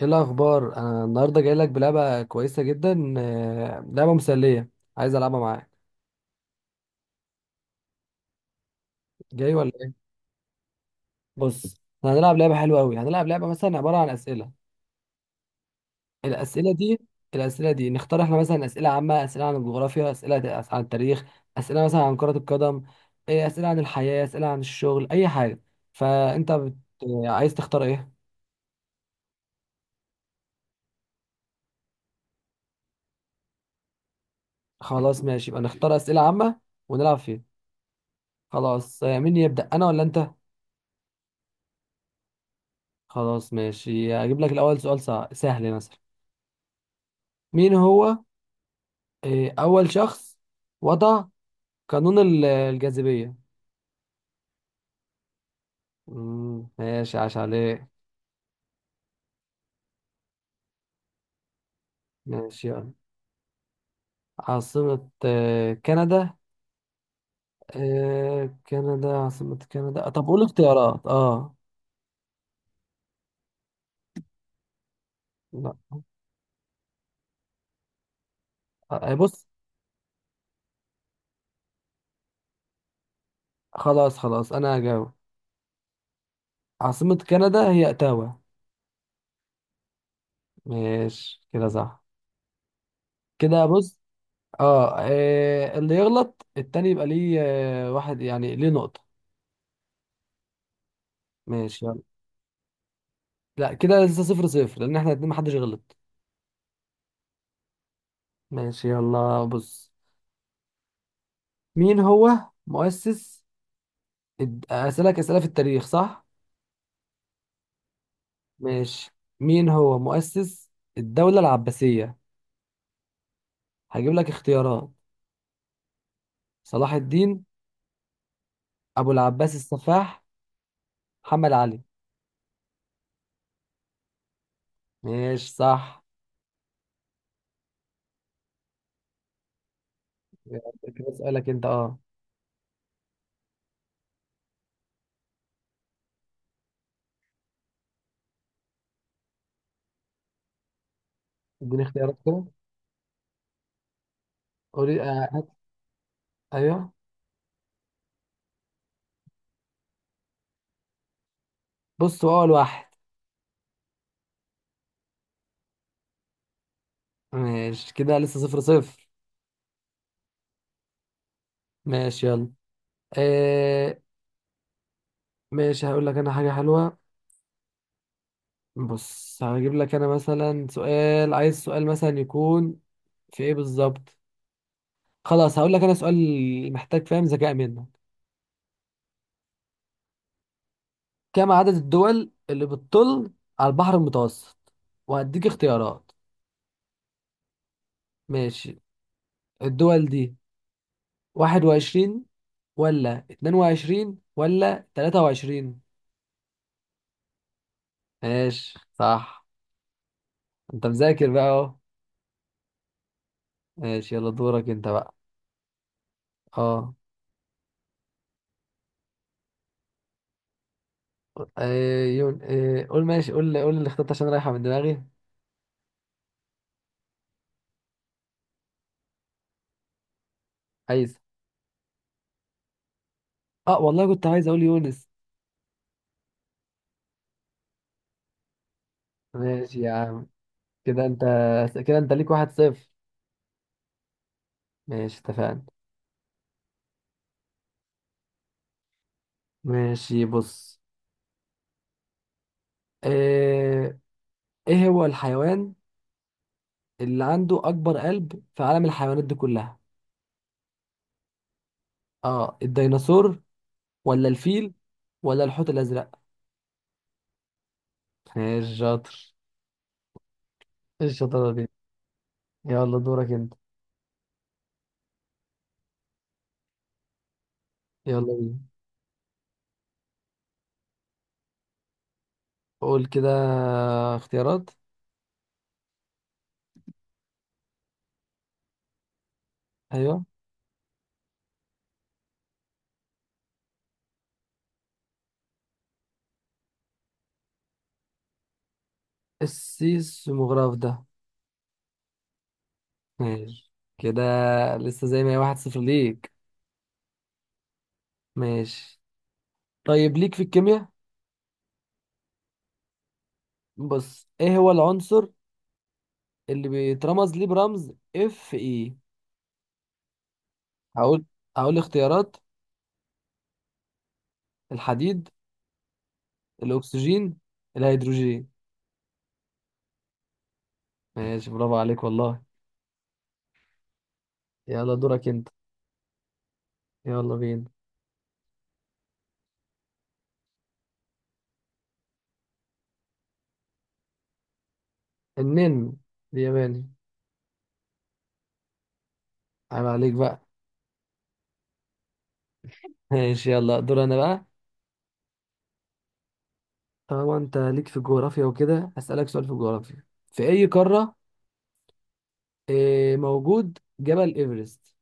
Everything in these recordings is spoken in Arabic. ايه الاخبار؟ انا النهارده جاي لك بلعبه كويسه جدا، لعبه مسليه. عايز العبها معاك. جاي ولا ايه؟ بص، احنا هنلعب لعبه حلوه قوي. هنلعب لعبه مثلا عباره عن اسئله. الاسئله دي، الاسئله دي نختار احنا، مثلا اسئله عامه، اسئله عن الجغرافيا، اسئله عن التاريخ، اسئله مثلا عن كره القدم، اسئله عن الحياه، اسئله عن الشغل، اي حاجه. فانت بت... عايز تختار ايه؟ خلاص ماشي، يبقى نختار اسئله عامه ونلعب فيها. خلاص مين يبدا، انا ولا انت؟ خلاص ماشي، هجيب لك الأول سؤال سهل مثلا. مين هو أول شخص وضع قانون الجاذبية؟ مم، ماشي، عاش عليه. ماشي يلا. عاصمة كندا. كندا، عاصمة كندا. طب قول اختيارات. اه، لا، بص. خلاص خلاص، أنا هجاوب. عاصمة كندا هي أوتاوا. ماشي كده صح. كده بص، اه، اللي يغلط التاني يبقى ليه واحد، يعني ليه نقطة. ماشي يلا. لا كده لسه 0-0، لان احنا الاتنين محدش غلط. ماشي يلا، بص، مين هو مؤسس اسالك اسئله في التاريخ، صح؟ ماشي. مين هو مؤسس الدوله العباسيه؟ هجيب لك اختيارات. صلاح الدين، ابو العباس السفاح، محمد علي. ماشي صح. يلا كده اسالك انت، اديني اختيارات كده. قولي. هات. ايوه، بص هو اول واحد. ماشي كده، لسه صفر صفر. ماشي يلا، آه ماشي، هقول لك انا حاجه حلوه. بص، هجيب لك انا مثلا سؤال، عايز سؤال مثلا يكون في ايه بالظبط. خلاص، هقول لك انا سؤال محتاج فاهم، ذكاء منك. كم عدد الدول اللي بتطل على البحر المتوسط؟ وهديك اختيارات. ماشي، الدول دي 21 ولا 22 ولا 23؟ ماشي صح. انت مذاكر بقى اهو. ماشي يلا، دورك انت بقى. اه ايه يون- إيه، قول ماشي، قول قول اللي اخترت عشان رايحة من دماغي. عايز، اه والله كنت عايز اقول يونس. ماشي يا عم. كده انت كده انت ليك 1-0. ماشي اتفقنا. ماشي بص، ايه, ايه هو الحيوان اللي عنده اكبر قلب في عالم الحيوانات دي كلها؟ اه الديناصور، ولا الفيل، ولا الحوت الازرق؟ ماشي شاطر. ايه الشطارة دي؟ يلا دورك انت. يلا بينا. قول كده اختيارات. ايوه، السيسموغراف ده؟ ماشي كده، لسه زي ما هي، 1-0 ليك. ماشي، طيب ليك في الكيمياء. بص، ايه هو العنصر اللي بيترمز ليه برمز اف اي؟ هقول، اختيارات. الحديد، الاكسجين، الهيدروجين. ماشي، برافو عليك والله. يلا دورك انت. يلا بينا. النن الياباني. عيب عليك بقى. ماشي يلا، دور انا بقى. طالما انت ليك في الجغرافيا وكده، هسألك سؤال في الجغرافيا. في اي قارة موجود جبل ايفرست؟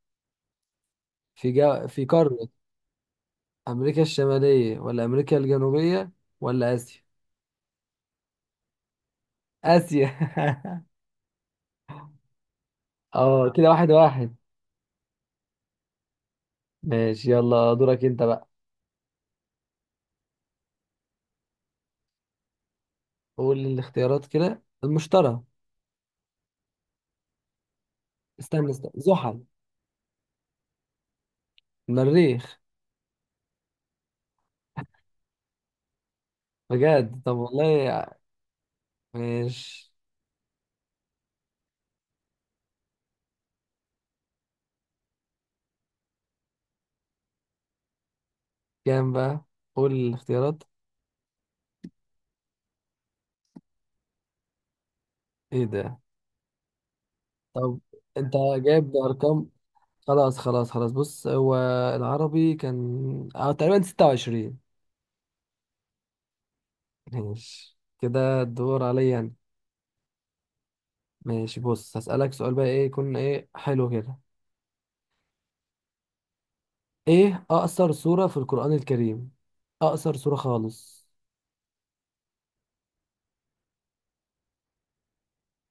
في في قارة امريكا الشمالية، ولا امريكا الجنوبية، ولا اسيا؟ اسيا. اه كده 1-1. ماشي يلا، دورك انت بقى. قول الاختيارات كده. المشتري. استنى استنى، زحل. المريخ. بجد؟ طب والله. ماشي، كام بقى؟ قول الاختيارات. ايه ده؟ طب انت جايب ارقام؟ خلاص خلاص خلاص، بص هو العربي كان تقريبا 26. ماشي كده، الدور عليا انا. ماشي بص، هسألك سؤال بقى ايه، يكون ايه حلو كده. ايه اقصر سورة في القرآن الكريم؟ اقصر سورة خالص.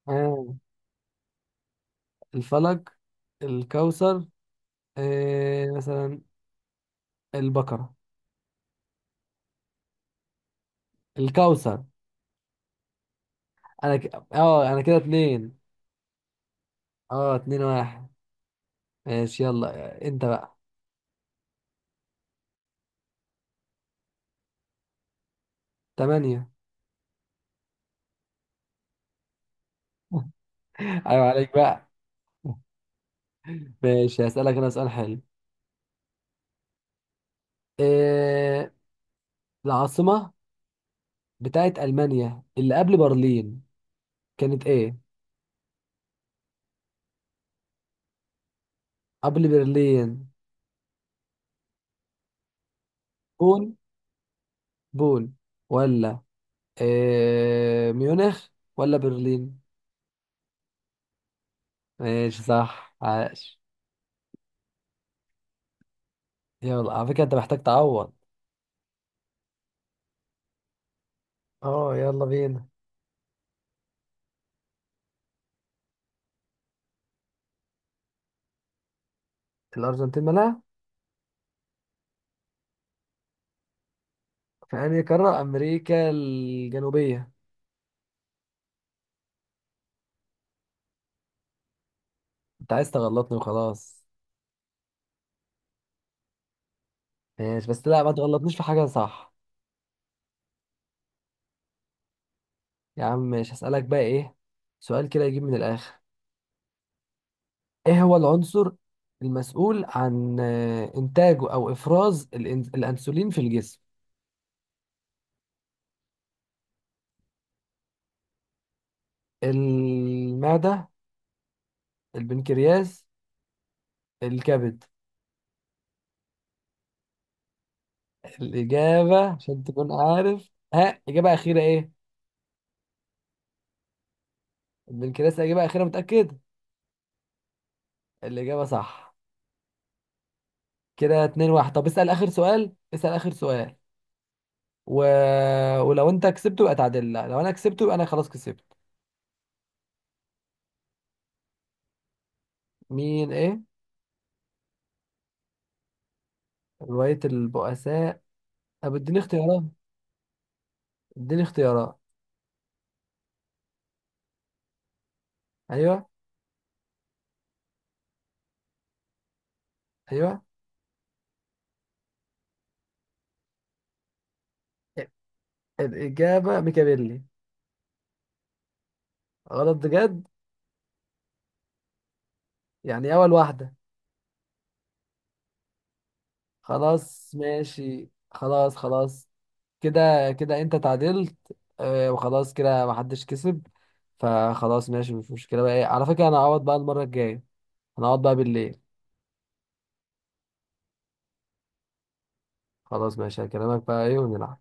آه. الفلق، الكوثر، مثلا البقرة، الكوثر. انا ك... اه انا كده اتنين. اه 2-1. ماشي يلا انت بقى. تمانية. ايوه عليك بقى. ماشي، هسألك انا سؤال حلو. إيه العاصمة بتاعت ألمانيا اللي قبل برلين كانت ايه؟ قبل برلين. بون بون، ولا ميونخ، ولا برلين؟ ماشي صح، عاش. يلا، على فكرة انت محتاج تعوض. اه يلا بينا. الأرجنتين مالها؟ في أنهي قارة؟ أمريكا الجنوبية. انت عايز تغلطني وخلاص. ماشي بس، لا، ما تغلطنيش في حاجة صح. يا عم ماشي، هسألك بقى سؤال كده يجيب من الآخر. ايه هو العنصر المسؤول عن إنتاجه أو إفراز الأنسولين في الجسم؟ المعدة، البنكرياس، الكبد. الإجابة عشان تكون عارف، ها، إجابة أخيرة إيه؟ البنكرياس إجابة أخيرة، متأكد؟ الإجابة صح. كده 2-1. طب اسأل آخر سؤال، اسأل آخر سؤال. و... ولو أنت كسبته يبقى تعادل، لا لو أنا كسبته يبقى أنا خلاص كسبت. مين إيه؟ رواية البؤساء؟ طب اديني اختيارات، اديني اختيارات. أيوه. أيوه. الإجابة ميكابيلي. غلط بجد؟ يعني أول واحدة. خلاص ماشي، خلاص خلاص. كده كده انت تعادلت. وخلاص كده محدش كسب. فخلاص، ماشي مش مشكلة، بقى ايه على فكرة انا هقعد بقى المرة الجاية. انا هقعد بقى بالليل. خلاص ماشي، هكلمك بقى ايه، ونلعب.